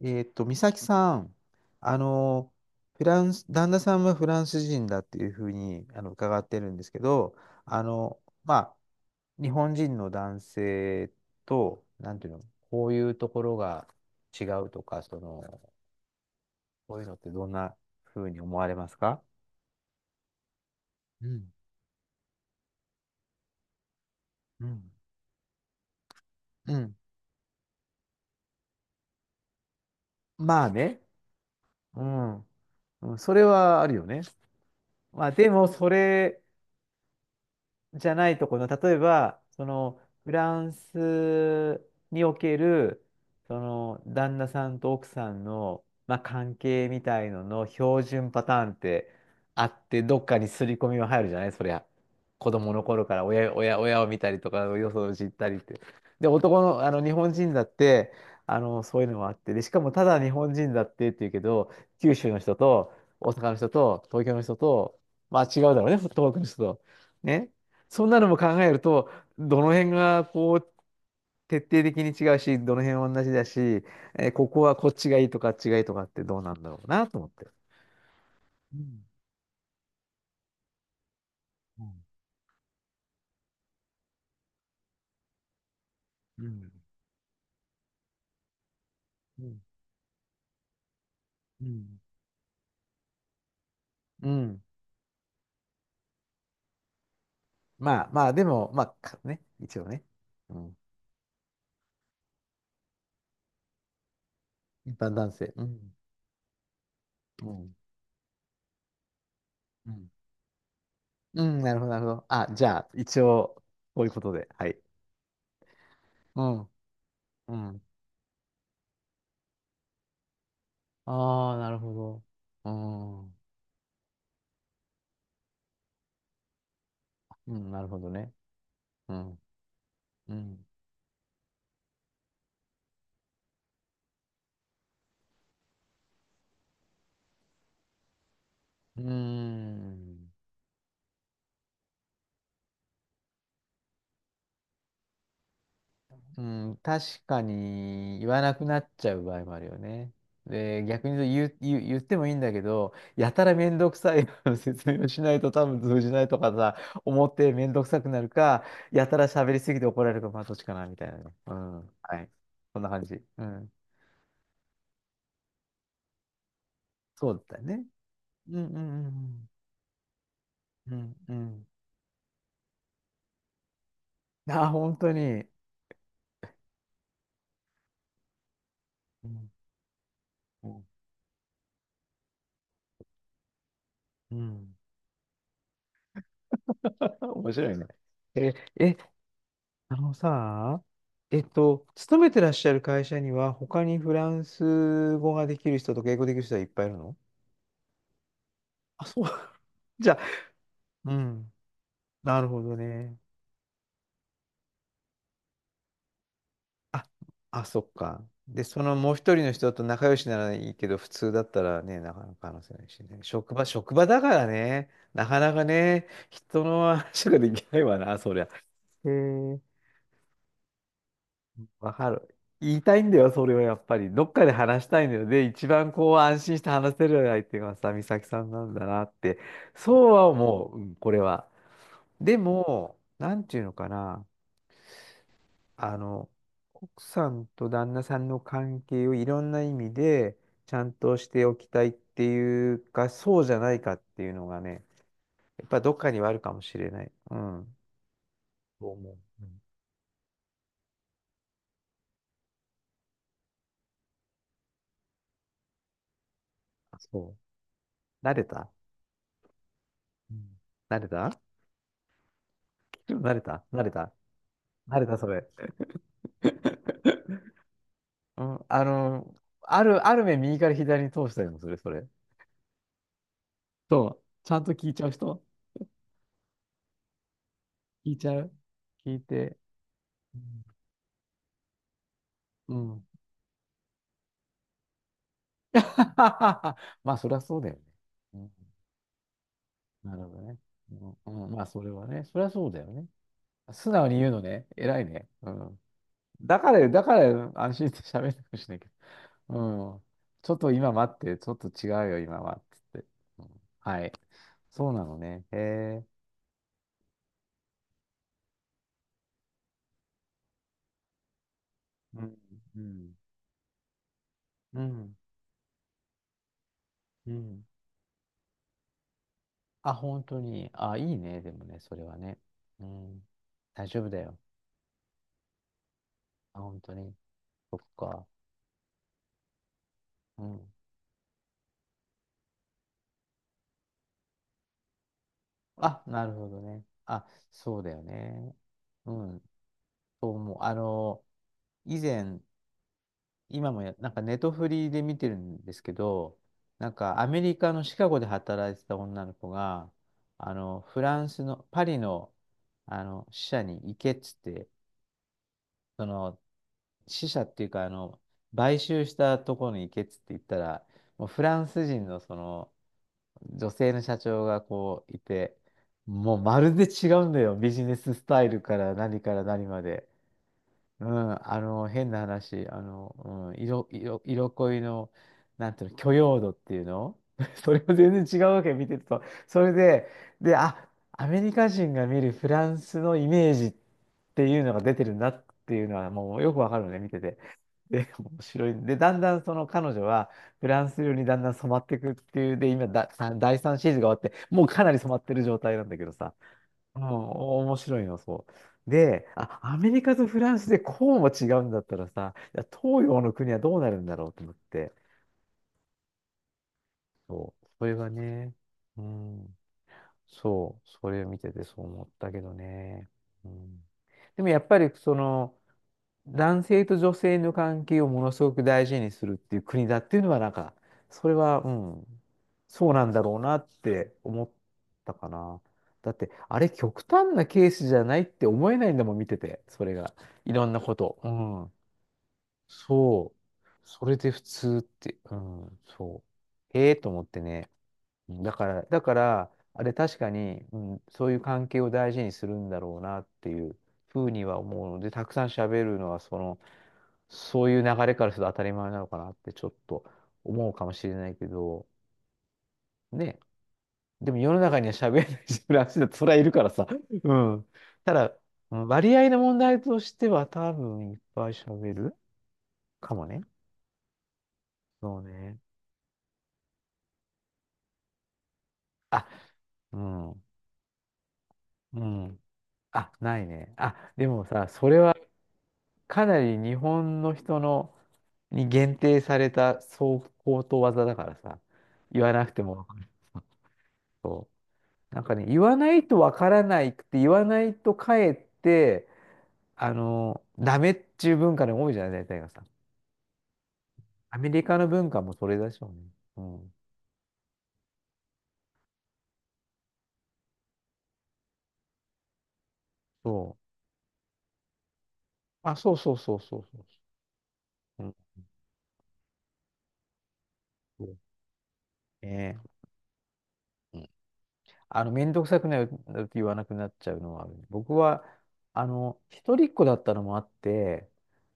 美咲さん、あの、フランス、旦那さんはフランス人だっていうふうに伺ってるんですけど、まあ、日本人の男性と、なんていうの、こういうところが違うとか、こういうのってどんなふうに思われますか？うん、うん、うん。まあね、うん、うん、それはあるよね。まあ、でも、それ、じゃないところの、例えば、フランスにおける、旦那さんと奥さんの、まあ、関係みたいのの標準パターンってあって、どっかに刷り込みは入るじゃないそりゃ。子供の頃から親を見たりとか、よそを知ったりって。で、日本人だって、そういうのもあって、で、しかもただ日本人だってっていうけど、九州の人と、大阪の人と、東京の人と、まあ違うだろうね、東北の人と。ね。そんなのも考えると、どの辺がこう、徹底的に違うし、どの辺は同じだし、ここはこっちがいいとかあっちがいいとかってどうなんだろうなと思って。うんうんうんうんうん。まあまあ、でも、まあ、かね、一応ね。うん。一般男性。うん。うん。うんうんうんうんなるほど、なるほど。あ、じゃあ、一応、こういうことで。はい。うん。うん。ああ、なるほど。うん。うん、なるほどね。うん。うん。うーん。うん、確かに言わなくなっちゃう場合もあるよね。で、逆に言ってもいいんだけど、やたらめんどくさい 説明をしないと多分通じないとかさ、思ってめんどくさくなるか、やたら喋りすぎて怒られるか、まあどっちかな、みたいなね。うん。はい。そんな感じ。うん。そうだったよね。うんうんうんうん。うんうん。あ、本当に。うんうん。うん 面白いね。え、え、あのさ、勤めてらっしゃる会社には、他にフランス語ができる人とか英語できる人はいっぱいいるの？あ、そう。じゃあ、うん。なるほどね。あ、あ、そっか。で、そのもう一人の人と仲良しならいいけど、普通だったらね、なかなか話せないしね。職場、職場だからね、なかなかね、人の話ができないわな、そりゃ。へえ。わかる。言いたいんだよ、それはやっぱり。どっかで話したいんだよ。で、一番こう安心して話せる相手がさ、美咲さんなんだなって。そうは思う、うん、これは。でも、なんていうのかな。あの、奥さんと旦那さんの関係をいろんな意味でちゃんとしておきたいっていうか、そうじゃないかっていうのがね、やっぱどっかにはあるかもしれない。うん。そう思う。うん、あそう。慣れたうん慣れた慣れた慣れた慣れたそれ。うん あの、ある目右から左に通したりもする、それ。そう。ちゃんと聞いちゃう人聞いちゃう聞いて。うん。うん まあ、そりゃそうだよね。うんなるほどね。うんうんまあ、それはね。そりゃそうだよね。素直に言うのね。偉いね。うん。だから、安心して喋るかもしれないけど。うん。ちょっと今待って、ちょっと違うよ、今は。つって。うんはい。そうなのね。へえ。うん。うん。うん。うん。あ、本当に。あ、いいね。でもね、それはね。うん。大丈夫だよ。あ、本当に。そっか。うん。あ、なるほどね。あ、そうだよね。うん。そう思う。以前、今もや、なんかネットフリで見てるんですけど、なんかアメリカのシカゴで働いてた女の子が、フランスのパリの、あの支社に行けっつって、その支社っていうか、買収したところに行けっつって言ったら、もうフランス人のその女性の社長がこういて、もうまるで違うんだよ。ビジネススタイルから何から何まで。うん、変な話、うん、色恋の、なんていうの、許容度っていうの それも全然違うわけ、見てると。それで、あ、アメリカ人が見るフランスのイメージっていうのが出てるんだっていうのは、もうよくわかるのね、見てて。で、面白い。で、だんだんその彼女は、フランス料にだんだん染まっていくっていう、で、今だ、第3シーズンが終わって、もうかなり染まってる状態なんだけどさ。うん、面白いの、そう。で、あ、アメリカとフランスでこうも違うんだったらさ、いや東洋の国はどうなるんだろうと思って、そう、それがね、うん、そう、それを見ててそう思ったけどね。うん、でもやっぱりその、男性と女性の関係をものすごく大事にするっていう国だっていうのは、なんか、それは、うん、そうなんだろうなって思ったかな。だって、あれ、極端なケースじゃないって思えないんだもん、見てて、それが。いろんなこと。うん。そう。それで普通って、うん、そう。へえと思ってね。うんだから、あれ確かに、うん、そういう関係を大事にするんだろうなっていうふうには思うので、たくさん喋るのはその、そういう流れからすると当たり前なのかなってちょっと思うかもしれないけど、ね。でも世の中には喋れない人らしいだってそれはいるからさ。うん。ただ、うん割合の問題としては多分いっぱい喋るかもね。そうね。あ、うん。うん。あ、ないね。あ、でもさ、それはかなり日本の人のに限定されたそう高等技だからさ、言わなくてもわかる。なんかね、言わないとわからないくて、言わないとかえって、ダメっていう文化の方が多いじゃない、大体がさ。アメリカの文化もそれでしょうね。うん。そう。あ、そうそうそうそうそう。うん。そうねえうんめんどくさくないって言わなくなっちゃうのは、僕は、一人っ子だったのもあって、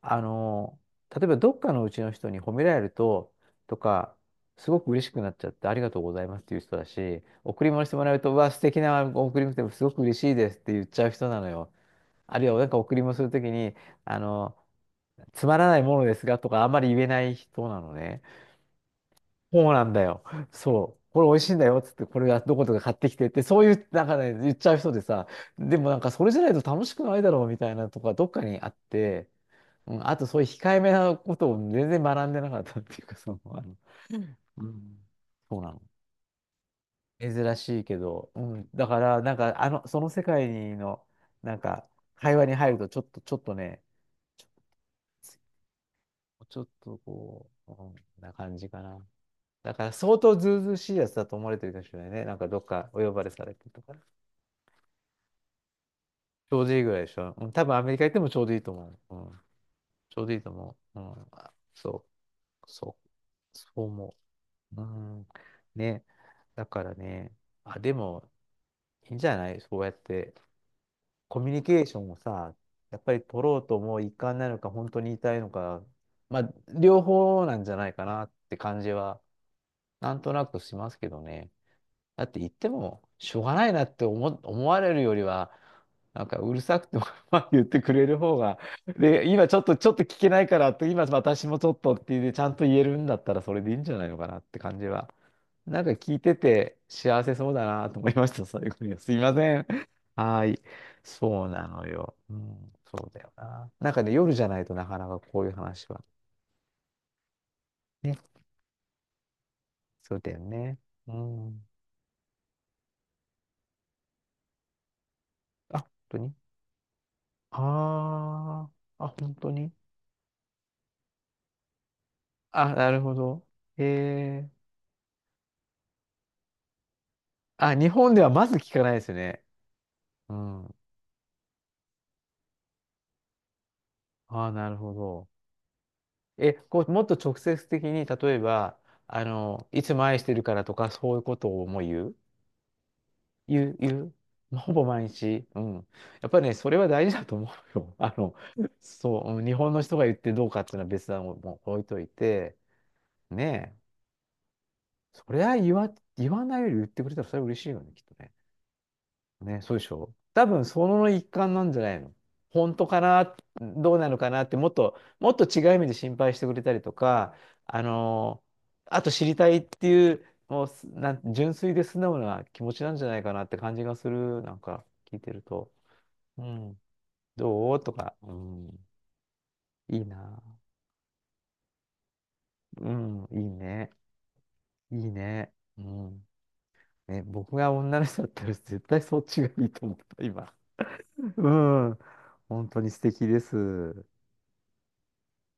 あの、例えばどっかのうちの人に褒められると、とか、すごく嬉しくなっちゃって、ありがとうございますっていう人だし、贈り物してもらうと、うわ、素敵な贈り物ですごく嬉しいですって言っちゃう人なのよ。あるいは、なんか贈り物するときに、あの、つまらないものですがとか、あんまり言えない人なのね。そうなんだよ。そう。これ美味しいんだよっつって、これはどことか買ってきてって、そういう、なんかね、言っちゃう人でさ、でもなんかそれじゃないと楽しくないだろうみたいなとか、どっかにあって、うん、あとそういう控えめなことを全然学んでなかったっていうか、うん、そうなの。珍しいけど、うん、だから、その世界の、なんか、会話に入ると、ちょっとね、ちょっとこう、うん、な感じかな。だから相当ずうずうしいやつだと思われてるかもしれないね。なんかどっかお呼ばれされてとか。ちょうどいいぐらいでしょ。うん、多分アメリカ行ってもちょうどいいと思う。うん、ちょうどいいと思う。う、そう、そう思う。うん、ね。だからね、あ、でもいいんじゃない、そうやってコミュニケーションをさ、やっぱり取ろうともう一貫なのか、本当に言いたいのか、まあ、両方なんじゃないかなって感じは、なんとなくしますけどね。だって言っても、しょうがないなって思われるよりは、なんかうるさくても まあ言ってくれる方が、で、今ちょっと聞けないからって、今私もちょっとっていうで、ちゃんと言えるんだったらそれでいいんじゃないのかなって感じは。なんか聞いてて幸せそうだなと思いました、最後に。すいません。はーい。そうなのよ。うん、そうだよな。なんかね、夜じゃないとなかなかこういう話は。ね、そうだよね。うん。あ、本当に、ああー、あ、本当に、あ、なるほど。へえ。あ、日本ではまず聞かないですよね。うん。あ、なるほど。え、こう、もっと直接的に、例えば、あの、いつも愛してるからとか、そういうことをもう言う、言う、言う、まあほぼ毎日。うん。やっぱりね、それは大事だと思うよ。あの、そう、うん、日本の人が言ってどうかっていうのは別段もう置いといて、ねえ、それは言わ、言わないより言ってくれたらそれは嬉しいよね、きっとね。ね、そうでしょ。多分その一環なんじゃないの。本当かな、どうなのかなって、もっと違う意味で心配してくれたりとか、あの、あと知りたいっていう、もうすなん、純粋で素直な気持ちなんじゃないかなって感じがする、なんか聞いてると。うん、どうとか、うん、いいな。うん、いいね。いいね。うん。ね、僕が女の人だったら絶対そっちがいいと思った、今。うん。本当に素敵です。